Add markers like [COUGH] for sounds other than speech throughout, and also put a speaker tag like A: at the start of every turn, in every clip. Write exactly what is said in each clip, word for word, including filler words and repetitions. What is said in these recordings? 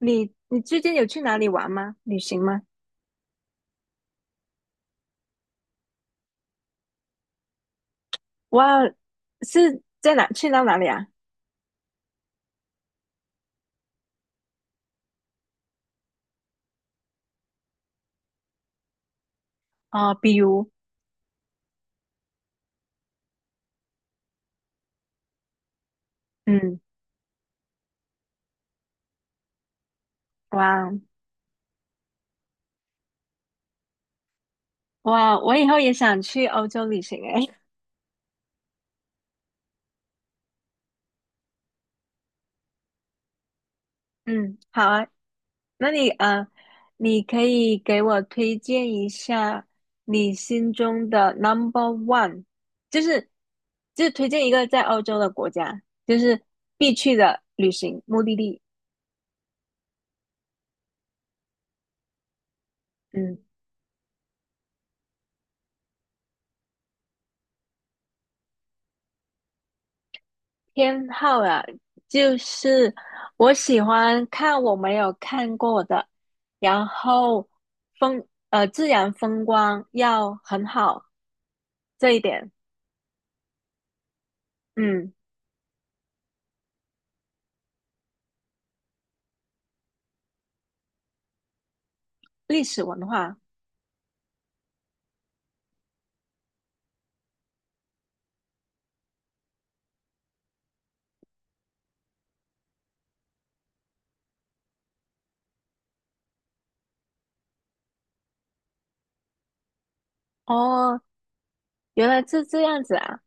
A: 你你最近有去哪里玩吗？旅行吗？哇，是在哪？去到哪里啊？哦，比如，嗯，哇哇，我以后也想去欧洲旅行诶。[LAUGHS] 嗯，好啊，那你呃，你可以给我推荐一下你心中的 number one,就是就是推荐一个在欧洲的国家，就是必去的旅行目的地。嗯。偏好啊，就是我喜欢看我没有看过的，然后风呃自然风光要很好这一点，嗯，历史文化。哦，原来是这样子啊，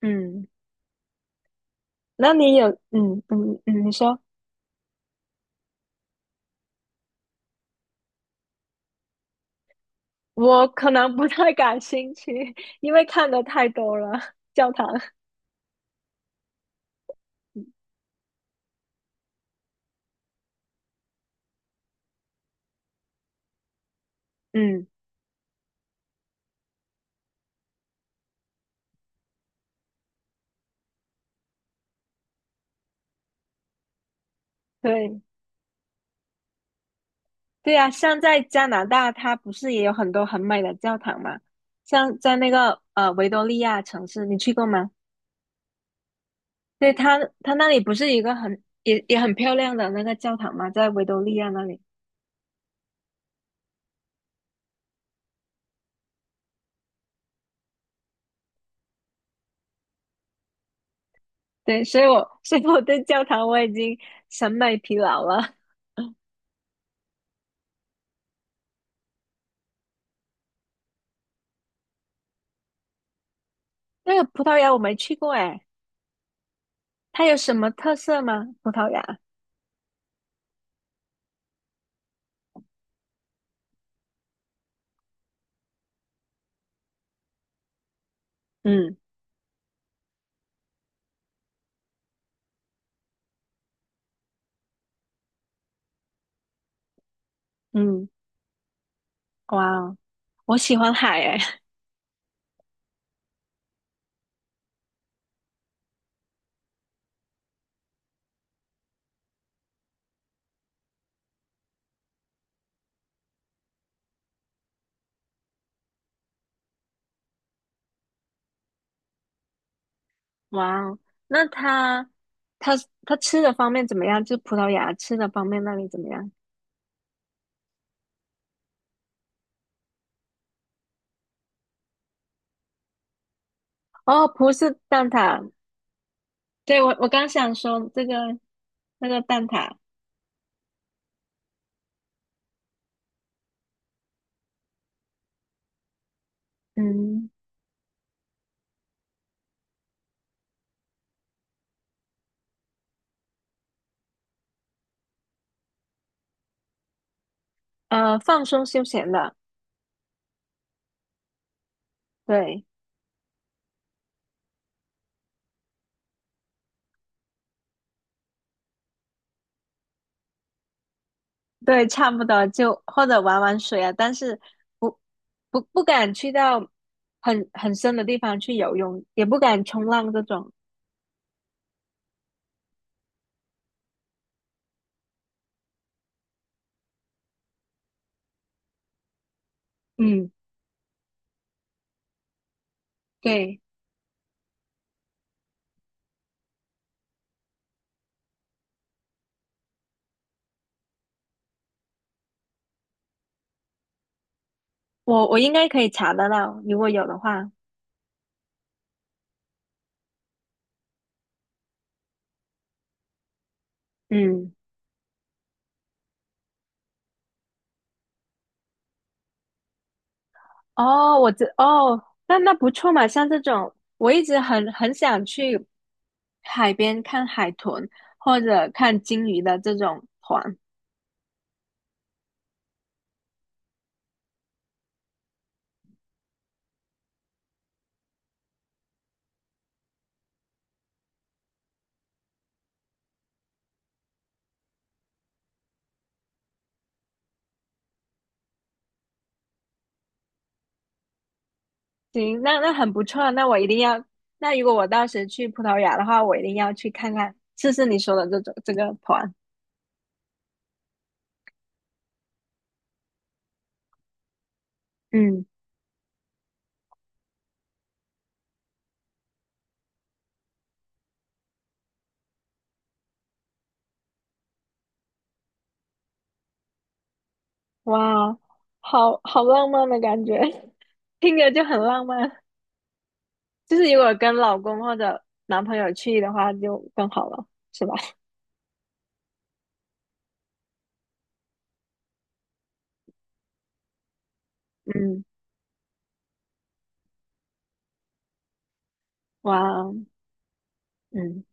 A: 嗯，那你有嗯嗯嗯，你说我可能不太感兴趣，因为看的太多了教堂，嗯，对。对呀，像在加拿大，它不是也有很多很美的教堂吗？像在那个呃维多利亚城市，你去过吗？对，它它那里不是一个很也也很漂亮的那个教堂吗？在维多利亚那里。对，所以我 [LAUGHS] 所以我对教堂我已经审美疲劳了。[LAUGHS] 那个葡萄牙我没去过诶，它有什么特色吗？葡萄牙？嗯，嗯，哇哦，我喜欢海诶。哇哦，那他他他吃的方面怎么样？就是葡萄牙吃的方面那里怎么样？哦，葡式蛋挞，对，我我刚想说这个那个蛋挞，嗯，呃，放松休闲的，对，对，差不多，就或者玩玩水啊，但是不不不敢去到很很深的地方去游泳，也不敢冲浪这种。嗯，对，我我应该可以查得到，如果有的话，嗯。哦，我知，哦，那那不错嘛，像这种，我一直很很想去海边看海豚或者看鲸鱼的这种团。行，那那很不错啊，那我一定要。那如果我到时去葡萄牙的话，我一定要去看看，试试你说的这种这个团。嗯，哇，好好浪漫的感觉，[LAUGHS] 听着就很浪漫。就是如果跟老公或者男朋友去的话，就更好了，是吧？[LAUGHS] 嗯，哇，嗯。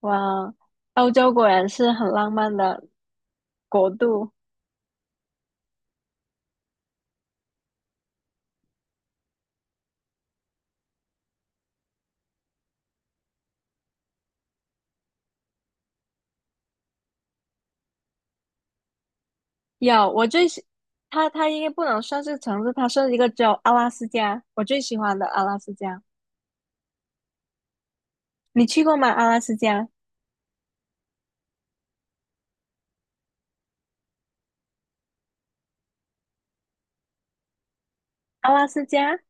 A: 哇，欧洲果然是很浪漫的国度。有，我最喜，它它应该不能算是城市，它算一个州，阿拉斯加，我最喜欢的阿拉斯加。你去过吗？阿拉斯加，阿拉斯加。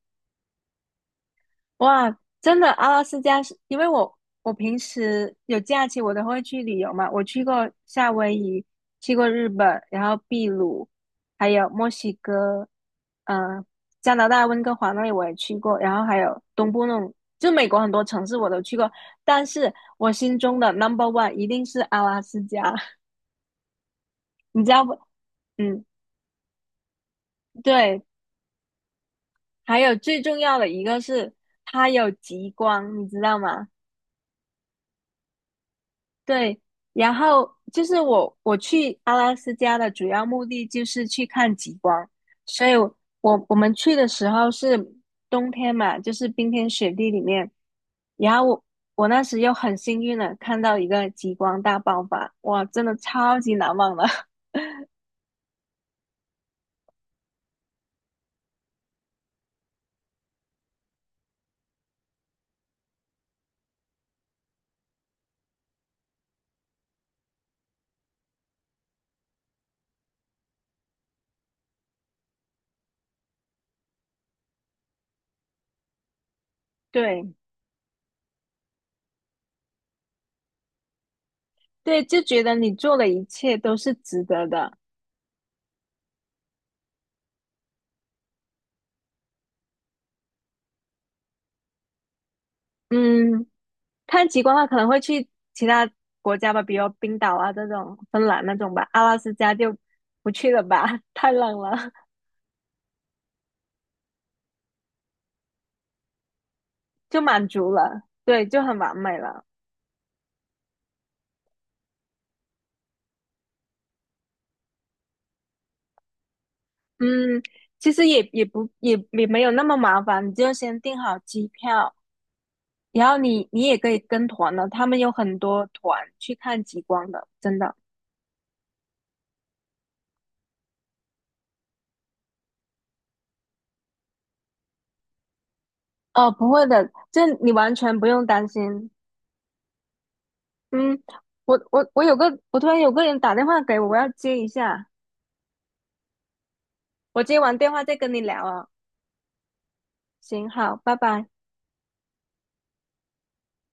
A: 哇，真的，阿拉斯加是因为我我平时有假期我都会去旅游嘛，我去过夏威夷，去过日本，然后秘鲁，还有墨西哥，嗯，加拿大温哥华那里我也去过，然后还有东部那种，就美国很多城市我都去过，但是我心中的 number one 一定是阿拉斯加，[LAUGHS] 你知道不？嗯，对，还有最重要的一个是它有极光，你知道吗？对，然后就是我我去阿拉斯加的主要目的就是去看极光，所以我，我们去的时候是冬天嘛，就是冰天雪地里面，然后我我那时又很幸运的看到一个极光大爆发，哇，真的超级难忘的。[LAUGHS] 对，对，就觉得你做的一切都是值得的。嗯，看极光的话，可能会去其他国家吧，比如冰岛啊这种、芬兰那种吧，阿拉斯加就不去了吧，[LAUGHS] 太冷了，就满足了，对，就很完美了。嗯，其实也也不也也没有那么麻烦，你就先订好机票，然后你你也可以跟团的，他们有很多团去看极光的，真的。哦，不会的，这你完全不用担心。嗯，我我我有个，我突然有个人打电话给我，我要接一下。我接完电话再跟你聊啊，行，好，拜拜。